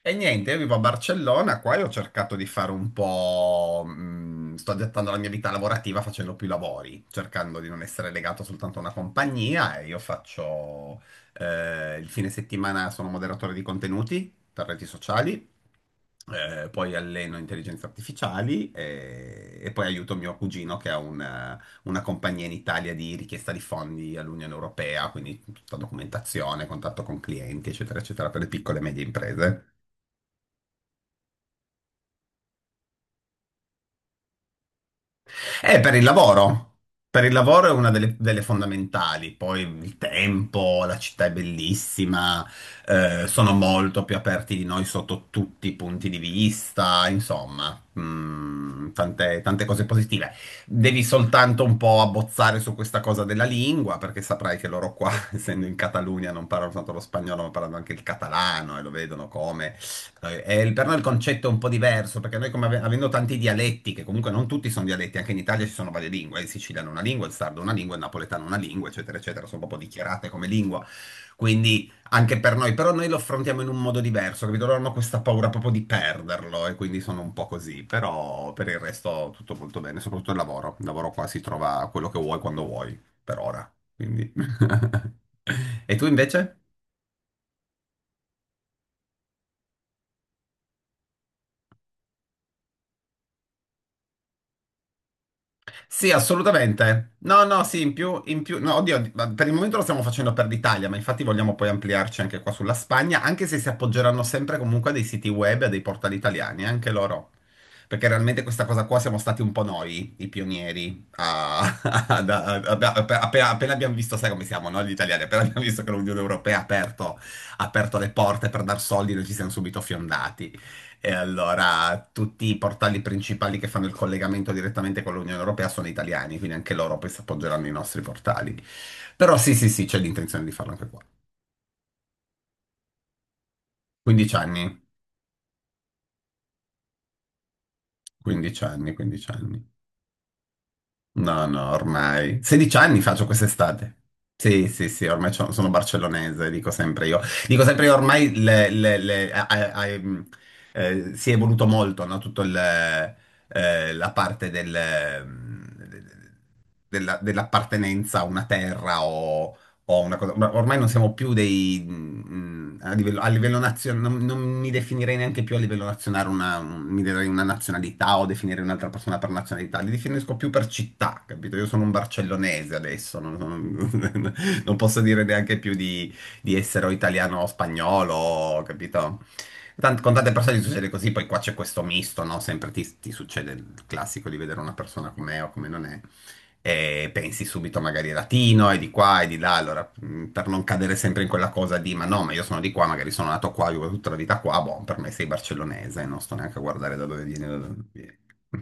E niente, io vivo a Barcellona, qua e ho cercato di fare un po' sto adattando la mia vita lavorativa facendo più lavori, cercando di non essere legato soltanto a una compagnia e io faccio... il fine settimana sono moderatore di contenuti per reti sociali, poi alleno intelligenze artificiali e poi aiuto mio cugino che ha una compagnia in Italia di richiesta di fondi all'Unione Europea, quindi tutta documentazione, contatto con clienti, eccetera, eccetera, per le piccole e medie imprese. Per il lavoro. Per il lavoro è una delle fondamentali. Poi il tempo, la città è bellissima, sono molto più aperti di noi sotto tutti i punti di vista, insomma, mm, tante cose positive. Devi soltanto un po' abbozzare su questa cosa della lingua, perché saprai che loro qua, essendo in Catalunia, non parlano soltanto lo spagnolo, ma parlano anche il catalano e lo vedono come per noi il concetto è un po' diverso, perché noi come avendo tanti dialetti, che comunque non tutti sono dialetti, anche in Italia ci sono varie lingue, il siciliano è una lingua, il sardo è una lingua, il napoletano è una lingua, eccetera, eccetera, sono proprio dichiarate come lingua, quindi anche per noi, però noi lo affrontiamo in un modo diverso, capito? Loro hanno questa paura proprio di perderlo e quindi sono un po' così, però per il resto tutto molto bene, soprattutto il lavoro qua si trova quello che vuoi quando vuoi, per ora, quindi... E tu invece? Sì, assolutamente. No, no, sì, in più, no, oddio, ma per il momento lo stiamo facendo per l'Italia, ma infatti vogliamo poi ampliarci anche qua sulla Spagna, anche se si appoggeranno sempre comunque a dei siti web e a dei portali italiani, anche loro. Perché realmente questa cosa qua siamo stati un po' noi, i pionieri, appena abbiamo visto, sai come siamo, no, gli italiani, appena abbiamo visto che l'Unione Europea ha aperto le porte per dar soldi, noi ci siamo subito fiondati. E allora tutti i portali principali che fanno il collegamento direttamente con l'Unione Europea sono italiani, quindi anche loro poi si appoggeranno ai nostri portali. Però sì, sì, sì, c'è l'intenzione di farlo anche qua. 15 anni, 15 anni, 15 anni. No, no, ormai. 16 anni faccio quest'estate. Sì, sì, sì, sono barcellonese, dico sempre io. Dico sempre io, ormai si è evoluto molto, no? La parte dell'appartenenza a una terra o po' una cosa, ma ormai non siamo più dei, mm, mm, a livello nazionale, non, non mi definirei neanche più a livello nazionale una, mi darei una nazionalità o definire un'altra persona per nazionalità, li definisco più per città, capito? Io sono un barcellonese adesso, non posso dire neanche più di essere o italiano o spagnolo, capito? Con tante persone gli succede così, poi qua c'è questo misto, no? Sempre ti succede il classico di vedere una persona com'è o come non è e pensi subito magari latino e di qua e di là, allora per non cadere sempre in quella cosa di ma no, ma io sono di qua, magari sono nato qua, vivo tutta la vita qua, boh, per me sei barcellonese, non sto neanche a guardare da dove vieni, da dove vieni.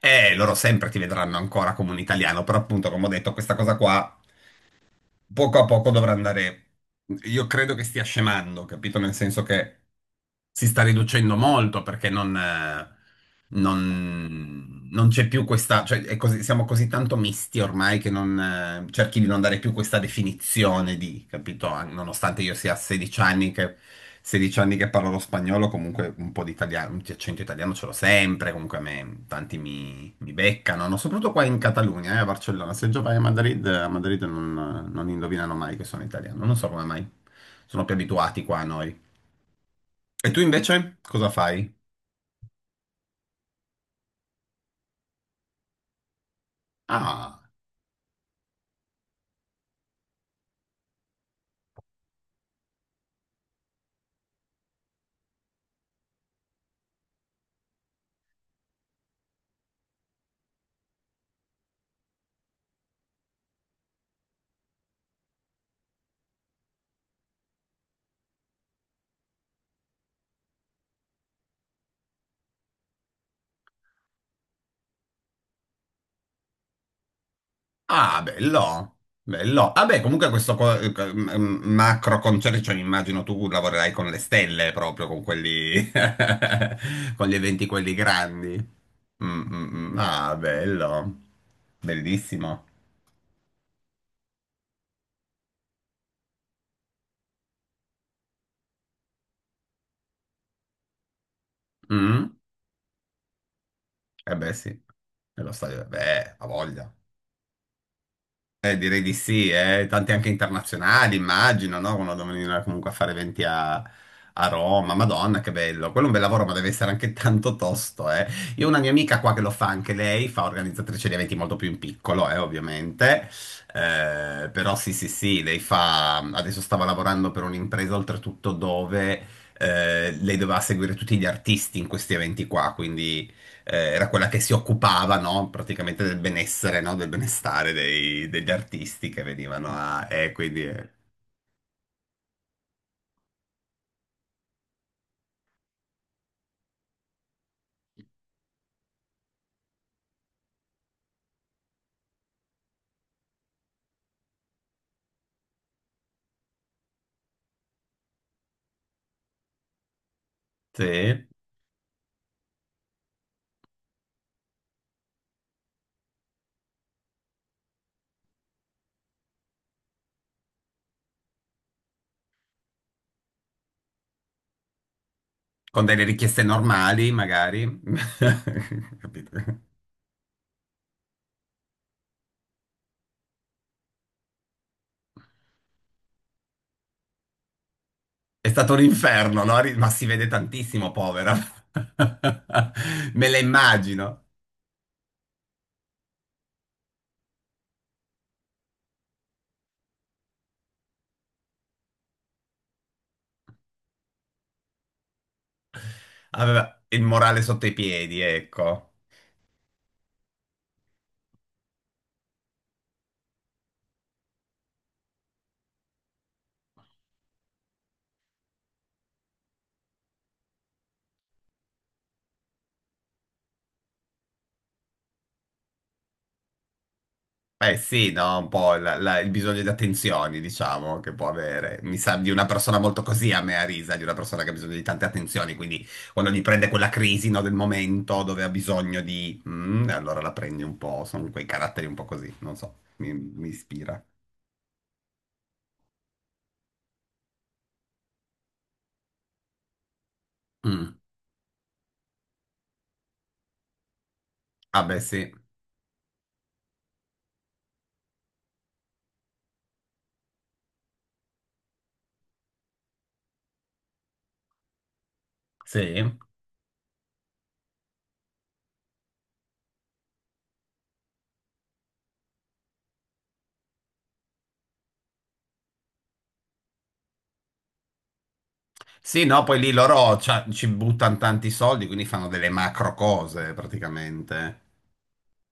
Loro sempre ti vedranno ancora come un italiano, però appunto, come ho detto, questa cosa qua poco a poco dovrà andare, io credo che stia scemando, capito? Nel senso che si sta riducendo molto perché non c'è più questa, cioè è siamo così tanto misti ormai che non, cerchi di non dare più questa definizione di, capito? Nonostante io sia a 16 anni che, 16 anni che parlo lo spagnolo, comunque un po' di italiano, un accento italiano ce l'ho sempre, comunque a me tanti mi beccano, no? Soprattutto qua in Catalogna, a Barcellona. Se già vai a Madrid non, non indovinano mai che sono italiano, non so come mai. Sono più abituati qua a noi. E tu invece cosa fai? Ah, ah, bello, bello. Vabbè, comunque questo macro concerto, cioè, immagino tu lavorerai con le stelle proprio, con quelli, con gli eventi quelli grandi. Mm, mm, mm. Ah, bello, bellissimo. Mm? Eh beh sì, e lo stadio, beh, ha voglia. Direi di sì, eh. Tanti anche internazionali, immagino, no? Quando devono venire comunque a fare eventi a Roma, Madonna, che bello. Quello è un bel lavoro, ma deve essere anche tanto tosto, eh. Io ho una mia amica qua che lo fa anche lei, fa organizzatrice di eventi molto più in piccolo, ovviamente. Però sì, sì, sì, lei fa... Adesso stava lavorando per un'impresa, oltretutto, dove... lei doveva seguire tutti gli artisti in questi eventi qua, quindi era quella che si occupava, no, praticamente del benessere, no, del benestare degli artisti che venivano a... quindi, sì, con delle richieste normali, magari. Capito? È stato un inferno, no? Ma si vede tantissimo, povera. Me la immagino. Aveva il morale sotto i piedi, ecco. Beh sì, no, un po' il bisogno di attenzioni, diciamo, che può avere. Mi sa di una persona molto così a me a risa, di una persona che ha bisogno di tante attenzioni, quindi quando gli prende quella crisi, no, del momento dove ha bisogno di... mm, allora la prendi un po', sono quei caratteri un po' così, non so, mi ispira. Mm. Ah beh sì, sì. Sì, no, poi lì ci buttano tanti soldi, quindi fanno delle macro cose praticamente.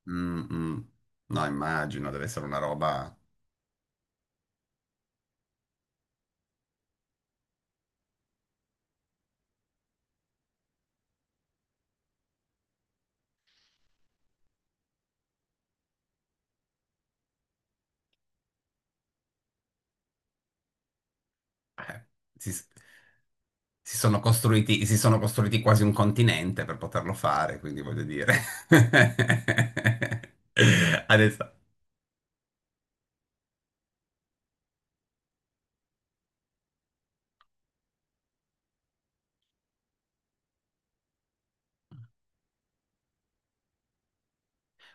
Mm, mm. No, immagino, deve essere una roba... eh, si, si sono costruiti quasi un continente per poterlo fare, quindi voglio dire. Adesso.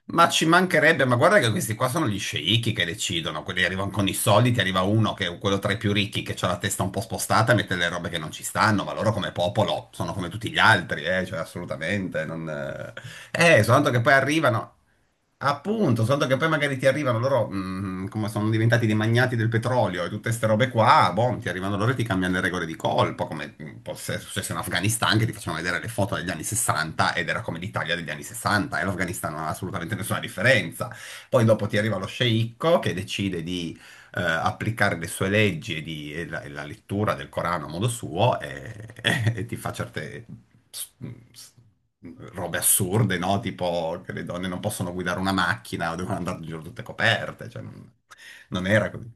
Ma ci mancherebbe, ma guarda che questi qua sono gli sceicchi che decidono, quelli arrivano con i soldi, ti arriva uno che è quello tra i più ricchi che ha la testa un po' spostata e mette le robe che non ci stanno, ma loro come popolo sono come tutti gli altri, cioè assolutamente, non... soltanto che poi arrivano, appunto, soltanto che poi magari ti arrivano loro, mm, come sono diventati dei magnati del petrolio e tutte queste robe qua, boh, ti arrivano loro e ti cambiano le regole di colpo, come mm, può essere successo in Afghanistan, che ti facevano vedere le foto degli anni 60 ed era come l'Italia degli anni 60 e l'Afghanistan non ha assolutamente nessuna differenza. Poi dopo ti arriva lo sceicco che decide di applicare le sue leggi e la lettura del Corano a modo suo e, e ti fa certe s- s- robe assurde, no? Tipo che le donne non possono guidare una macchina o devono andare in giro tutte coperte, cioè non, non era così.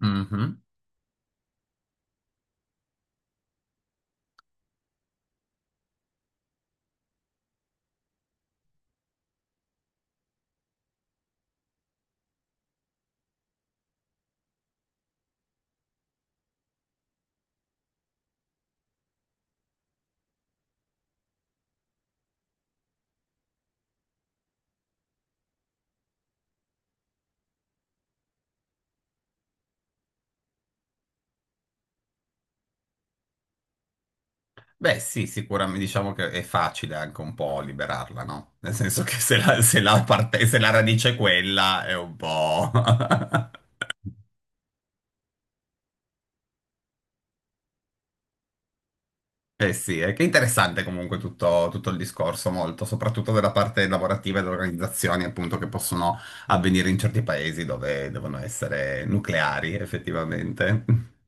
Mhm. Beh, sì, sicuramente diciamo che è facile anche un po' liberarla, no? Nel senso che se la se la radice è quella è un po'... Eh sì, è che è interessante comunque tutto, tutto il discorso, molto, soprattutto della parte lavorativa e delle organizzazioni appunto che possono avvenire in certi paesi dove devono essere nucleari effettivamente.